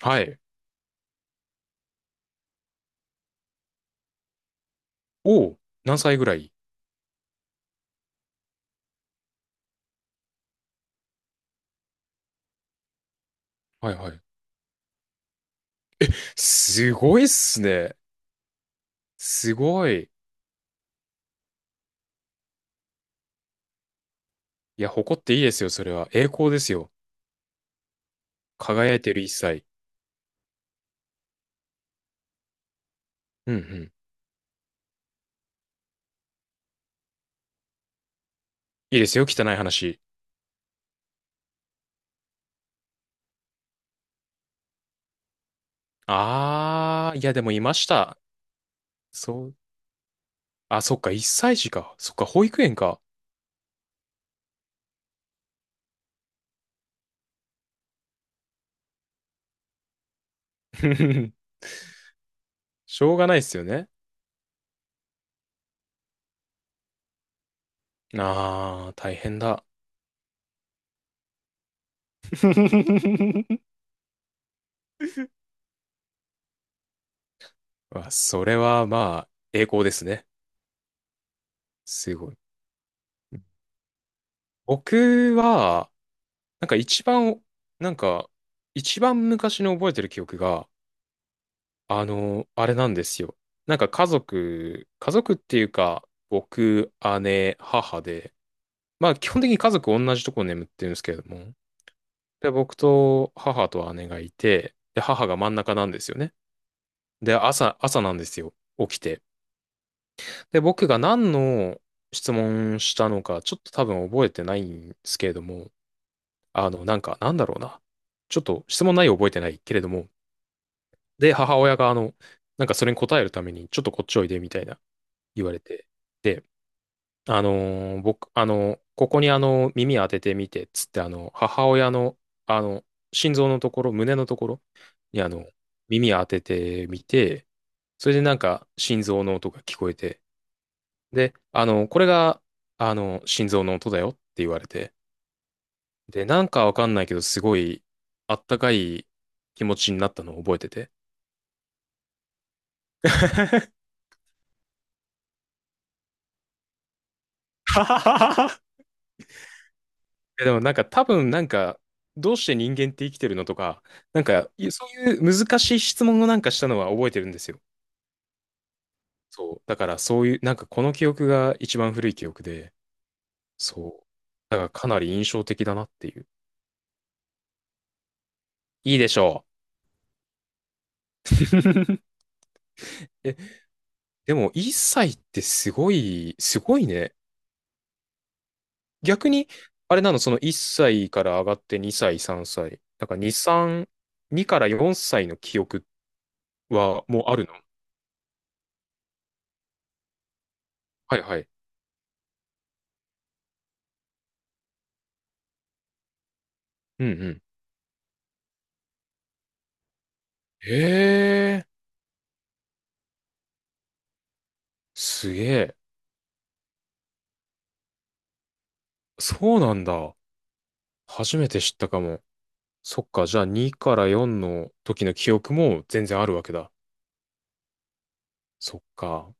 はい。おお、何歳ぐらい？はいはい。すごいっすね。すごい。いや、誇っていいですよ、それは。栄光ですよ。輝いてる一歳。うんうん。いいですよ、汚い話。あー、いや、でもいました。そう。あ、そっか、一歳児か。そっか、保育園か。しょうがないっすよね。あー、大変だ。わ、それはまあ、栄光ですね。すごい。僕は、なんか一番、なんか、一番昔の覚えてる記憶が、あれなんですよ。家族、家族っていうか、僕、姉、母で、まあ基本的に家族同じとこ眠ってるんですけれども、で、僕と母と姉がいて、で、母が真ん中なんですよね。で、朝なんですよ。起きて。で、僕が何の質問したのか、ちょっと多分覚えてないんですけれども、なんだろうな。ちょっと質問内容覚えてないけれども、で、母親が、それに答えるために、ちょっとこっちおいで、みたいな言われて。で、僕、ここに耳当ててみて、つって、母親の、あの、心臓のところ、胸のところに、耳当ててみて、それで心臓の音が聞こえて、で、これが、心臓の音だよって言われて、で、わかんないけど、すごい、あったかい気持ちになったのを覚えてて。でも多分どうして人間って生きてるのとか、そういう難しい質問をしたのは覚えてるんですよ。そう。だからそういう、この記憶が一番古い記憶で、そう。だからかなり印象的だなっていう。いいでしょう。え、でも1歳ってすごい、すごいね。逆に、あれなの、その1歳から上がって2歳、3歳。だから2から4歳の記憶はもうあるの？はいはい。うんうん。へえ、すげえ。そうなんだ。初めて知ったかも。そっか、じゃあ2から4の時の記憶も全然あるわけだ。そっか。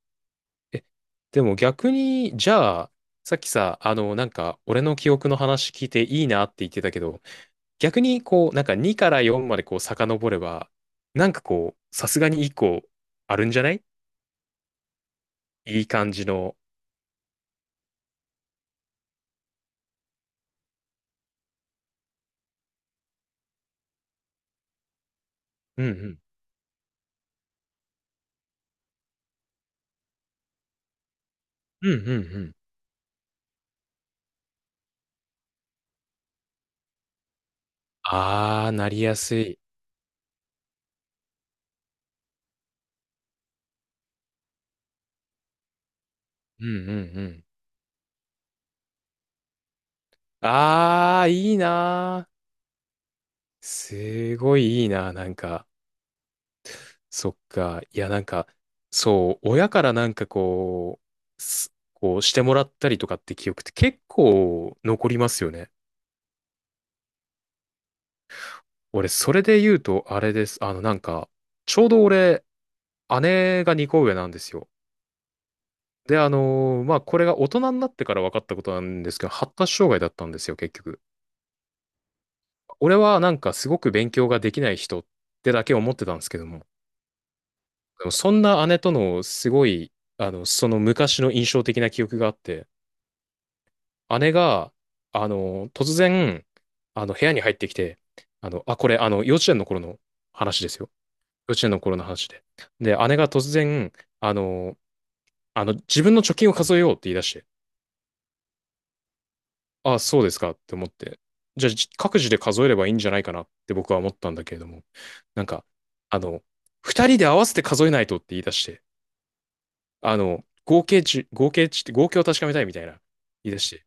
え、でも逆に、じゃあ、さっきさ、俺の記憶の話聞いていいなって言ってたけど、逆にこう、2から4までこう遡れば、さすがにいい子あるんじゃない？いい感じの。うんうん。うんうんうん。あー、なりやすい。うんうんうん。あー、いいなー。すごいいいな、そっか。いや、そう、親からこうしてもらったりとかって記憶って結構残りますよね。俺、それで言うと、あれです。ちょうど俺、姉が2個上なんですよ。で、まあ、これが大人になってから分かったことなんですけど、発達障害だったんですよ、結局。俺はすごく勉強ができない人ってだけ思ってたんですけども、でもそんな姉とのすごい、その昔の印象的な記憶があって、姉が、突然、部屋に入ってきて、あ、これ、幼稚園の頃の話ですよ。幼稚園の頃の話で。で、姉が突然、あの、自分の貯金を数えようって言い出して、あ、そうですかって思って、じゃあ、各自で数えればいいんじゃないかなって僕は思ったんだけれども、なんか、あの、二人で合わせて数えないとって言い出して、合計値って、合計を確かめたいみたいな言い出して。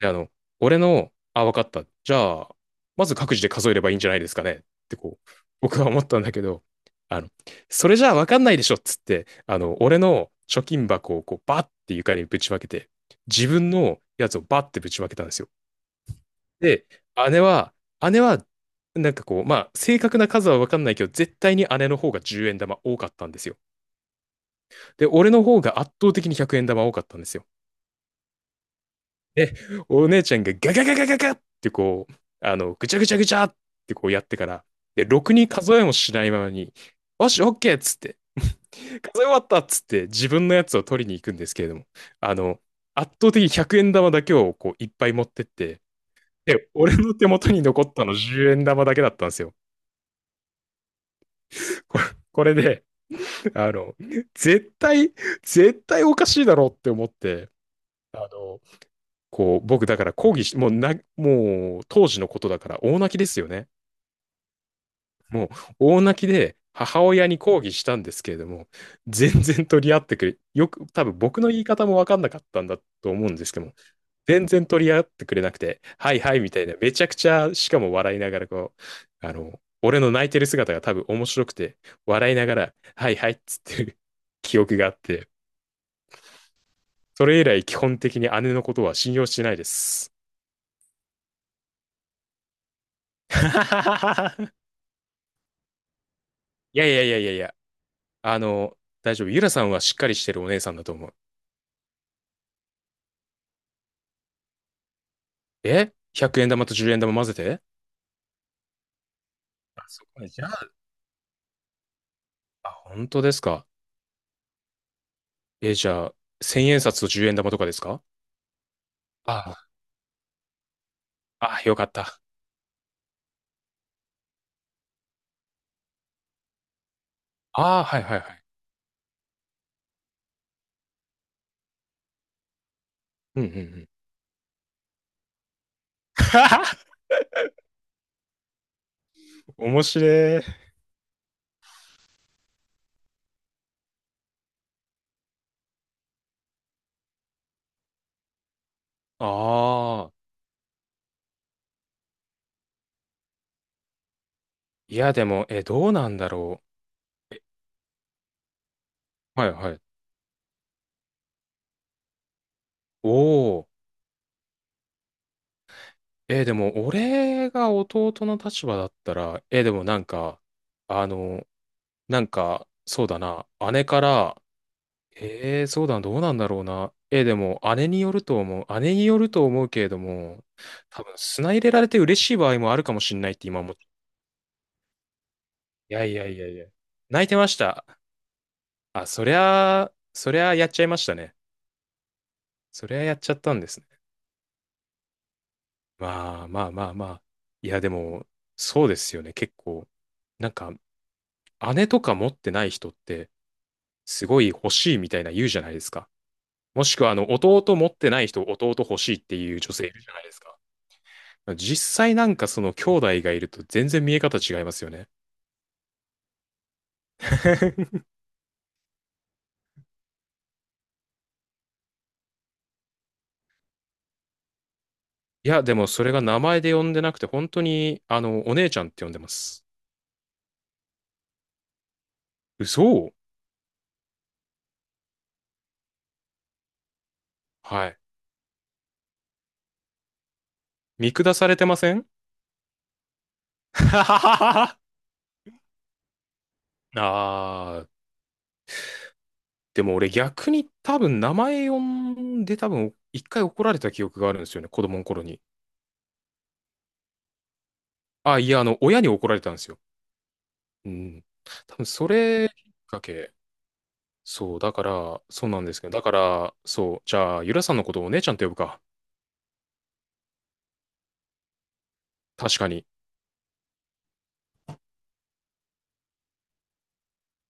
で、あ、わかった。じゃあ、まず各自で数えればいいんじゃないですかねってこう、僕は思ったんだけど、あの、それじゃあわかんないでしょっつって、俺の貯金箱をこう、バッて床にぶちまけて、自分のやつをバッてぶちまけたんですよ。で、姉は、姉は、まあ、正確な数は分かんないけど、絶対に姉の方が10円玉多かったんですよ。で、俺の方が圧倒的に100円玉多かったんですよ。え、お姉ちゃんがガガガガガガってこう、ぐちゃぐちゃぐちゃってこうやってから、で、ろくに数えもしないままに、よし、オッケーっつって、数え終わったっつって、自分のやつを取りに行くんですけれども、あの、圧倒的に100円玉だけをこういっぱい持ってって、で、俺の手元に残ったの10円玉だけだったんですよ。これこれで、あの、絶対、絶対おかしいだろうって思って、あの、僕だから抗議し、もうな、もう当時のことだから大泣きですよね。もう大泣きで母親に抗議したんですけれども、全然取り合ってくれ、よく、多分僕の言い方もわかんなかったんだと思うんですけども、全然取り合ってくれなくて、はいはいみたいな、めちゃくちゃ、しかも笑いながらこう、俺の泣いてる姿が多分面白くて、笑いながら、はいはいっつってる 記憶があって、それ以来基本的に姉のことは信用してないです。いやいやいやいやいや、あの、大丈夫。ゆらさんはしっかりしてるお姉さんだと思う。え？ 100 円玉と10円玉混ぜて？あ、そこね。じゃあ、あ、本当ですか。え、じゃあ、1000円札と10円玉とかですか？ああ、あ、よかった。ああ、はいはいはい。うんうんうん。面白い。ああ。いや、でも、え、どうなんだろう。はいはい。おお。え、でも、俺が弟の立場だったら、でもあの、そうだな。姉から、そうだ、どうなんだろうな。でも、姉によると思う。姉によると思うけれども、多分、砂入れられて嬉しい場合もあるかもしれないって今思って。いやいやいやいや。泣いてました。あ、そりゃやっちゃいましたね。そりゃやっちゃったんですね。まあまあまあまあ。いや、でも、そうですよね。結構、なんか、姉とか持ってない人って、すごい欲しいみたいな言うじゃないですか。もしくは、弟持ってない人、弟欲しいっていう女性いるじゃないですか。実際その兄弟がいると全然見え方違いますよね。いや、でもそれが名前で呼んでなくて、本当に、お姉ちゃんって呼んでます。嘘。はい。見下されてません？ あー、でも俺逆に多分名前呼んで多分一回怒られた記憶があるんですよね、子供の頃に。あ、いや、親に怒られたんですよ。うん。多分それきっかけ。そう、だから、そうなんですけど、だから、そう、じゃあ、ゆらさんのことをお姉ちゃんって呼ぶか。確かに。